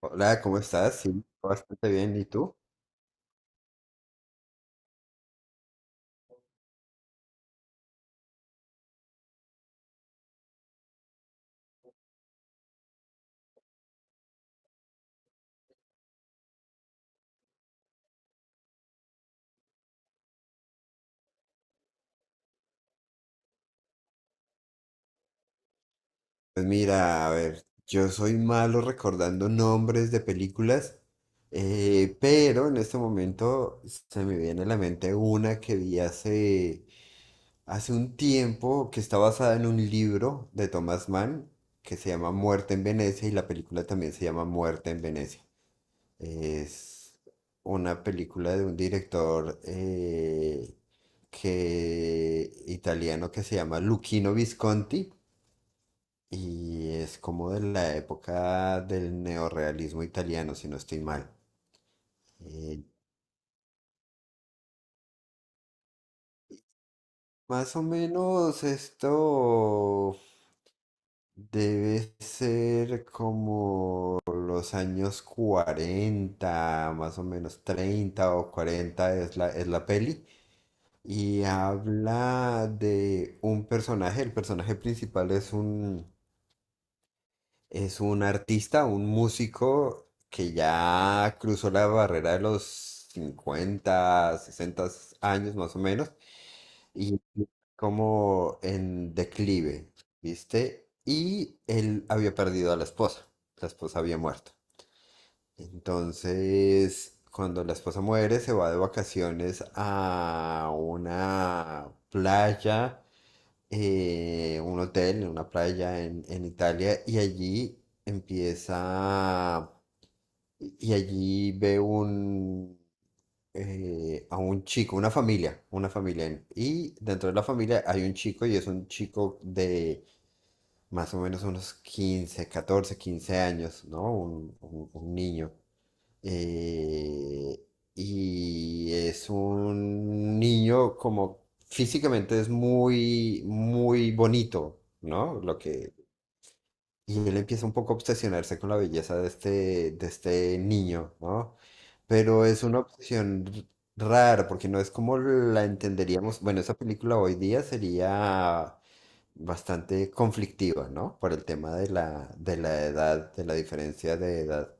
Hola, ¿cómo estás? Sí, bastante bien. ¿Y tú? Pues mira, a ver, yo soy malo recordando nombres de películas, pero en este momento se me viene a la mente una que vi hace un tiempo que está basada en un libro de Thomas Mann que se llama Muerte en Venecia, y la película también se llama Muerte en Venecia. Es una película de un director italiano que se llama Luchino Visconti, y es como de la época del neorrealismo italiano, si no estoy mal. Eh, más o menos esto debe ser como los años 40, más o menos 30 o 40 es es la peli. Y habla de un personaje. El personaje principal es un artista, un músico que ya cruzó la barrera de los 50 60 años más o menos, y como en declive, ¿viste? Y él había perdido a la esposa había muerto. Entonces, cuando la esposa muere, se va de vacaciones a una playa, un hotel en una playa en Italia, y allí empieza, y allí ve a un chico, una familia, una familia. Y dentro de la familia hay un chico, y es un chico de más o menos unos 15 14 15 años, ¿no? Un niño, eh, y es un niño como físicamente es muy, muy bonito, ¿no? Y él empieza un poco a obsesionarse con la belleza de de este niño, ¿no? Pero es una rara, porque no es como la entenderíamos. Bueno, esa película hoy día sería bastante conflictiva, ¿no? Por el tema de de la edad, de la diferencia de edad.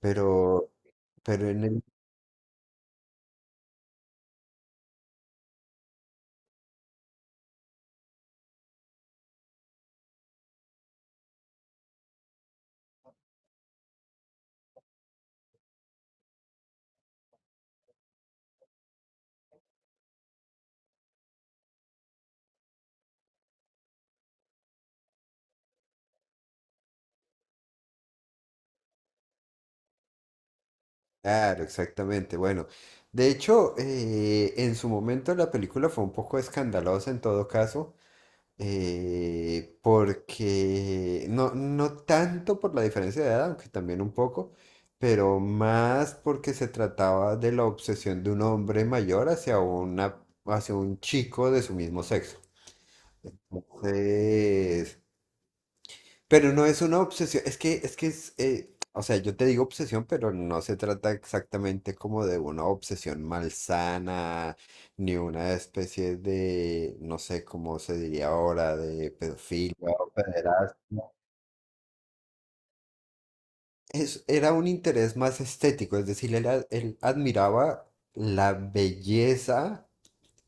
Pero, pero en el Claro, exactamente. Bueno, de hecho, en su momento la película fue un poco escandalosa en todo caso, porque no, no tanto por la diferencia de edad, aunque también un poco, pero más porque se trataba de la obsesión de un hombre mayor hacia hacia un chico de su mismo sexo. Entonces, pero no es una obsesión, o sea, yo te digo obsesión, pero no se trata exactamente como de una obsesión malsana, ni una especie de, no sé cómo se diría ahora, de pedofilia o pederastia. Es, era un interés más estético. Es decir, él admiraba la belleza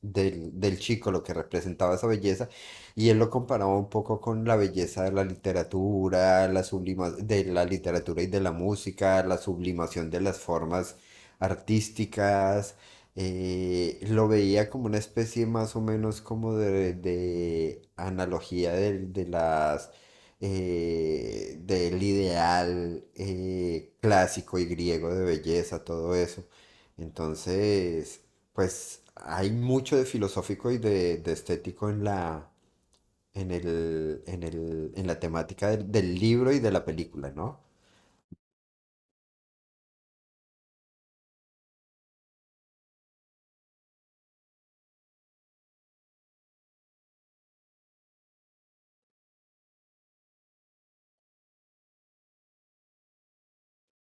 del chico, lo que representaba esa belleza, y él lo comparaba un poco con la belleza de la literatura, la sublima, de la literatura y de la música, la sublimación de las formas artísticas. Lo veía como una especie más o menos como de analogía las... del ideal clásico y griego de belleza, todo eso. Entonces, pues hay mucho de filosófico y de estético en la, en el, en el, en la temática del libro y de la película, ¿no?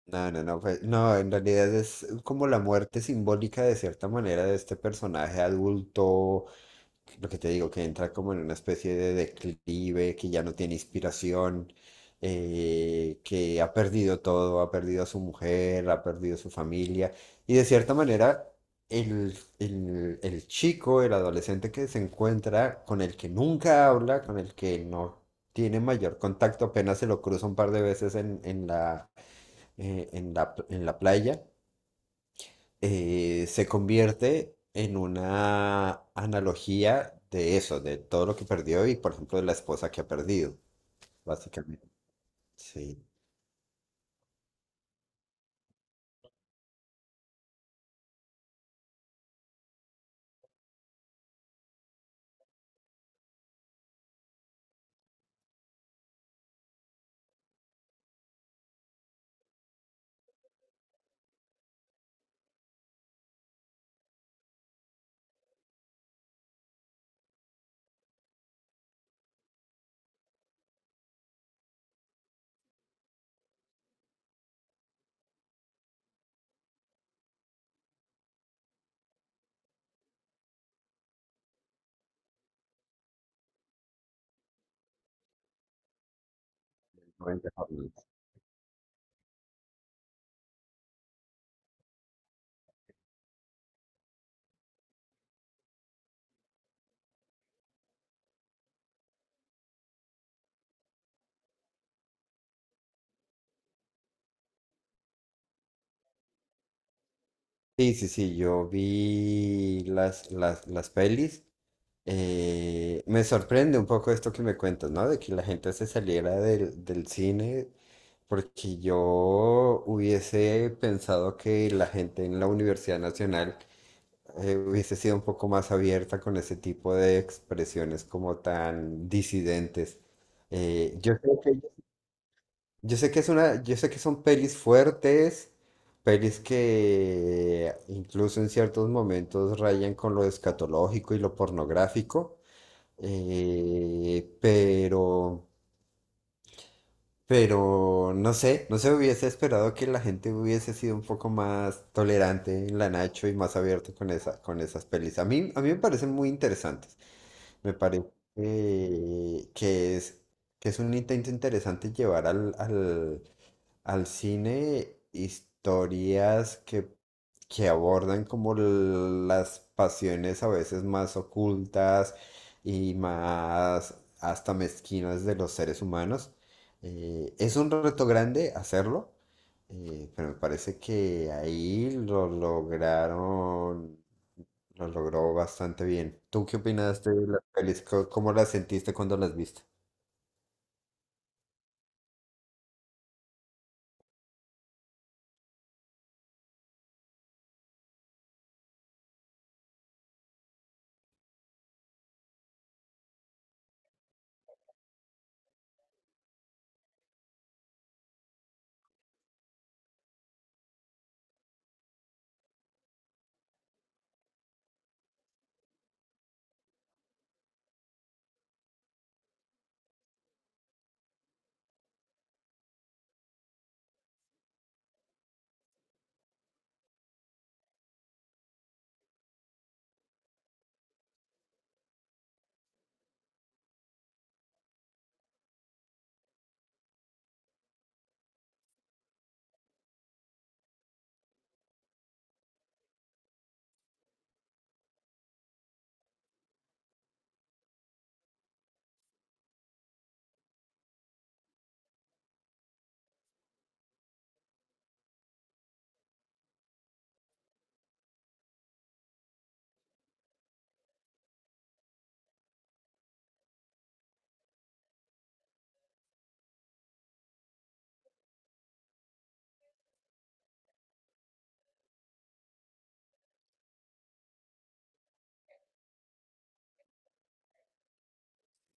No, no, no, pues, no, en realidad es como la muerte simbólica de cierta manera de este personaje adulto, lo que te digo, que entra como en una especie de declive, que ya no tiene inspiración, que ha perdido todo, ha perdido a su mujer, ha perdido a su familia. Y de cierta manera, el chico, el adolescente que se encuentra, con el que nunca habla, con el que no tiene mayor contacto, apenas se lo cruza un par de veces en en la playa, se convierte en una analogía de eso, de todo lo que perdió y, por ejemplo, de la esposa que ha perdido, básicamente. Sí. 90 jornadas. Sí, sí, sí, yo vi las pelis. Me sorprende un poco esto que me cuentas, ¿no? De que la gente se saliera del cine, porque yo hubiese pensado que la gente en la Universidad Nacional hubiese sido un poco más abierta con ese tipo de expresiones como tan disidentes. Yo creo que, yo sé que es una, yo sé que son pelis fuertes, pelis que incluso en ciertos momentos rayan con lo escatológico y lo pornográfico, eh, pero, pero no sé, no se hubiese esperado que la gente hubiese sido un poco más tolerante en la Nacho y más abierto con esa, con esas pelis. A mí me parecen muy interesantes. Me parece eh, que es, que es un intento interesante llevar al cine historias que abordan como las pasiones a veces más ocultas y más hasta mezquinas de los seres humanos. Es un reto grande hacerlo, pero me parece que ahí lo logró bastante bien. ¿Tú qué opinas de las pelis? ¿Cómo las sentiste cuando las viste?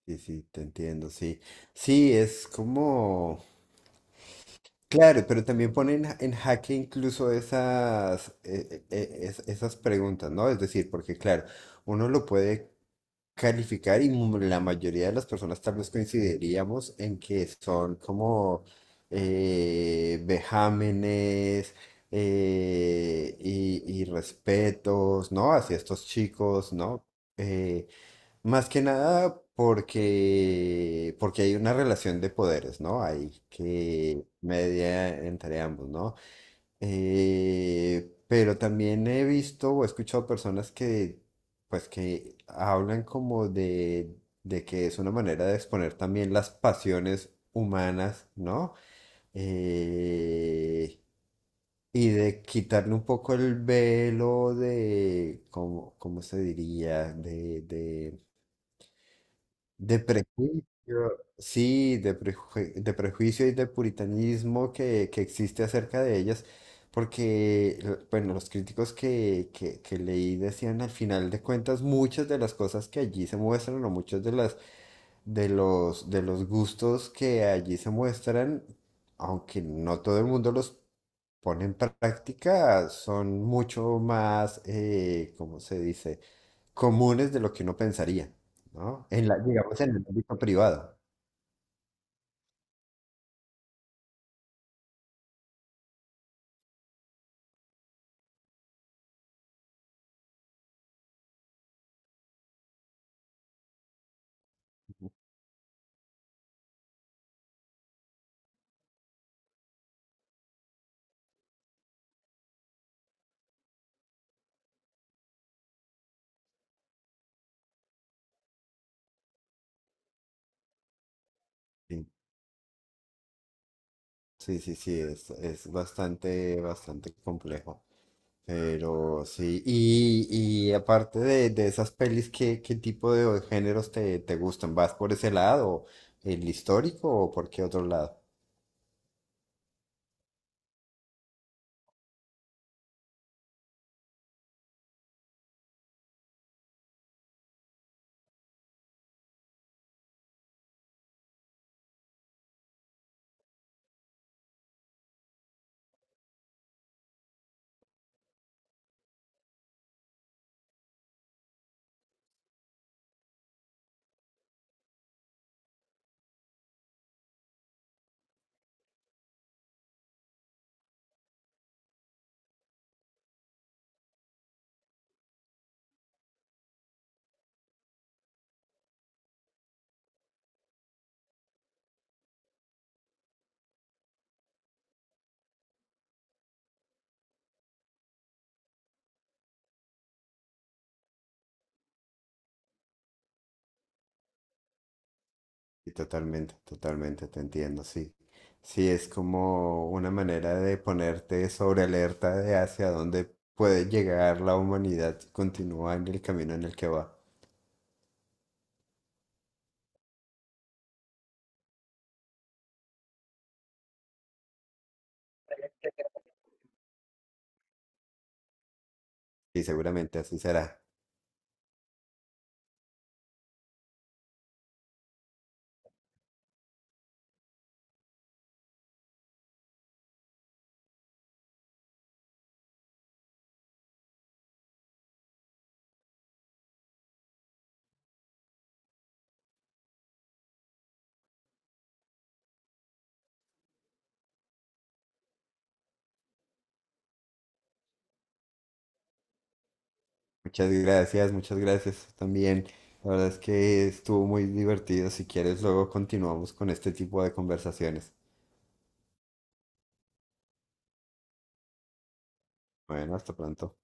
Sí, sí, te entiendo, sí. Sí, es como... Claro, pero también ponen en jaque incluso esas, esas preguntas, ¿no? Es decir, porque claro, uno lo puede calificar y la mayoría de las personas tal vez coincidiríamos en que son como vejámenes y respetos, ¿no? Hacia estos chicos, ¿no? Eh, más que nada porque, porque hay una relación de poderes, ¿no? Hay que media entre ambos, ¿no? Pero también he visto o he escuchado personas que, pues, que hablan como de que es una manera de exponer también las pasiones humanas, ¿no? Eh, y de quitarle un poco el velo de, ¿cómo, cómo se diría? De, de prejuicio, sí, de prejuicio y de puritanismo que existe acerca de ellas. Porque, bueno, los críticos que leí decían, al final de cuentas, muchas de las cosas que allí se muestran, o muchos de las, de los gustos que allí se muestran, aunque no todo el mundo los pone en práctica, son mucho más, ¿cómo se dice? Comunes de lo que uno pensaría, ¿no? En la, digamos, en el ámbito privado. Sí, sí, sí, sí, es bastante, bastante complejo. Pero sí, y aparte de esas pelis, ¿qué tipo de géneros te gustan? ¿Vas por ese lado, el histórico, o por qué otro lado? Y totalmente, totalmente, te entiendo, sí. Sí, es como una manera de ponerte sobre alerta de hacia dónde puede llegar la humanidad si continúa en el camino en el que va. Y seguramente así será. Muchas gracias tú también. La verdad es que estuvo muy divertido. Si quieres, luego continuamos con este tipo de conversaciones. Bueno, hasta pronto.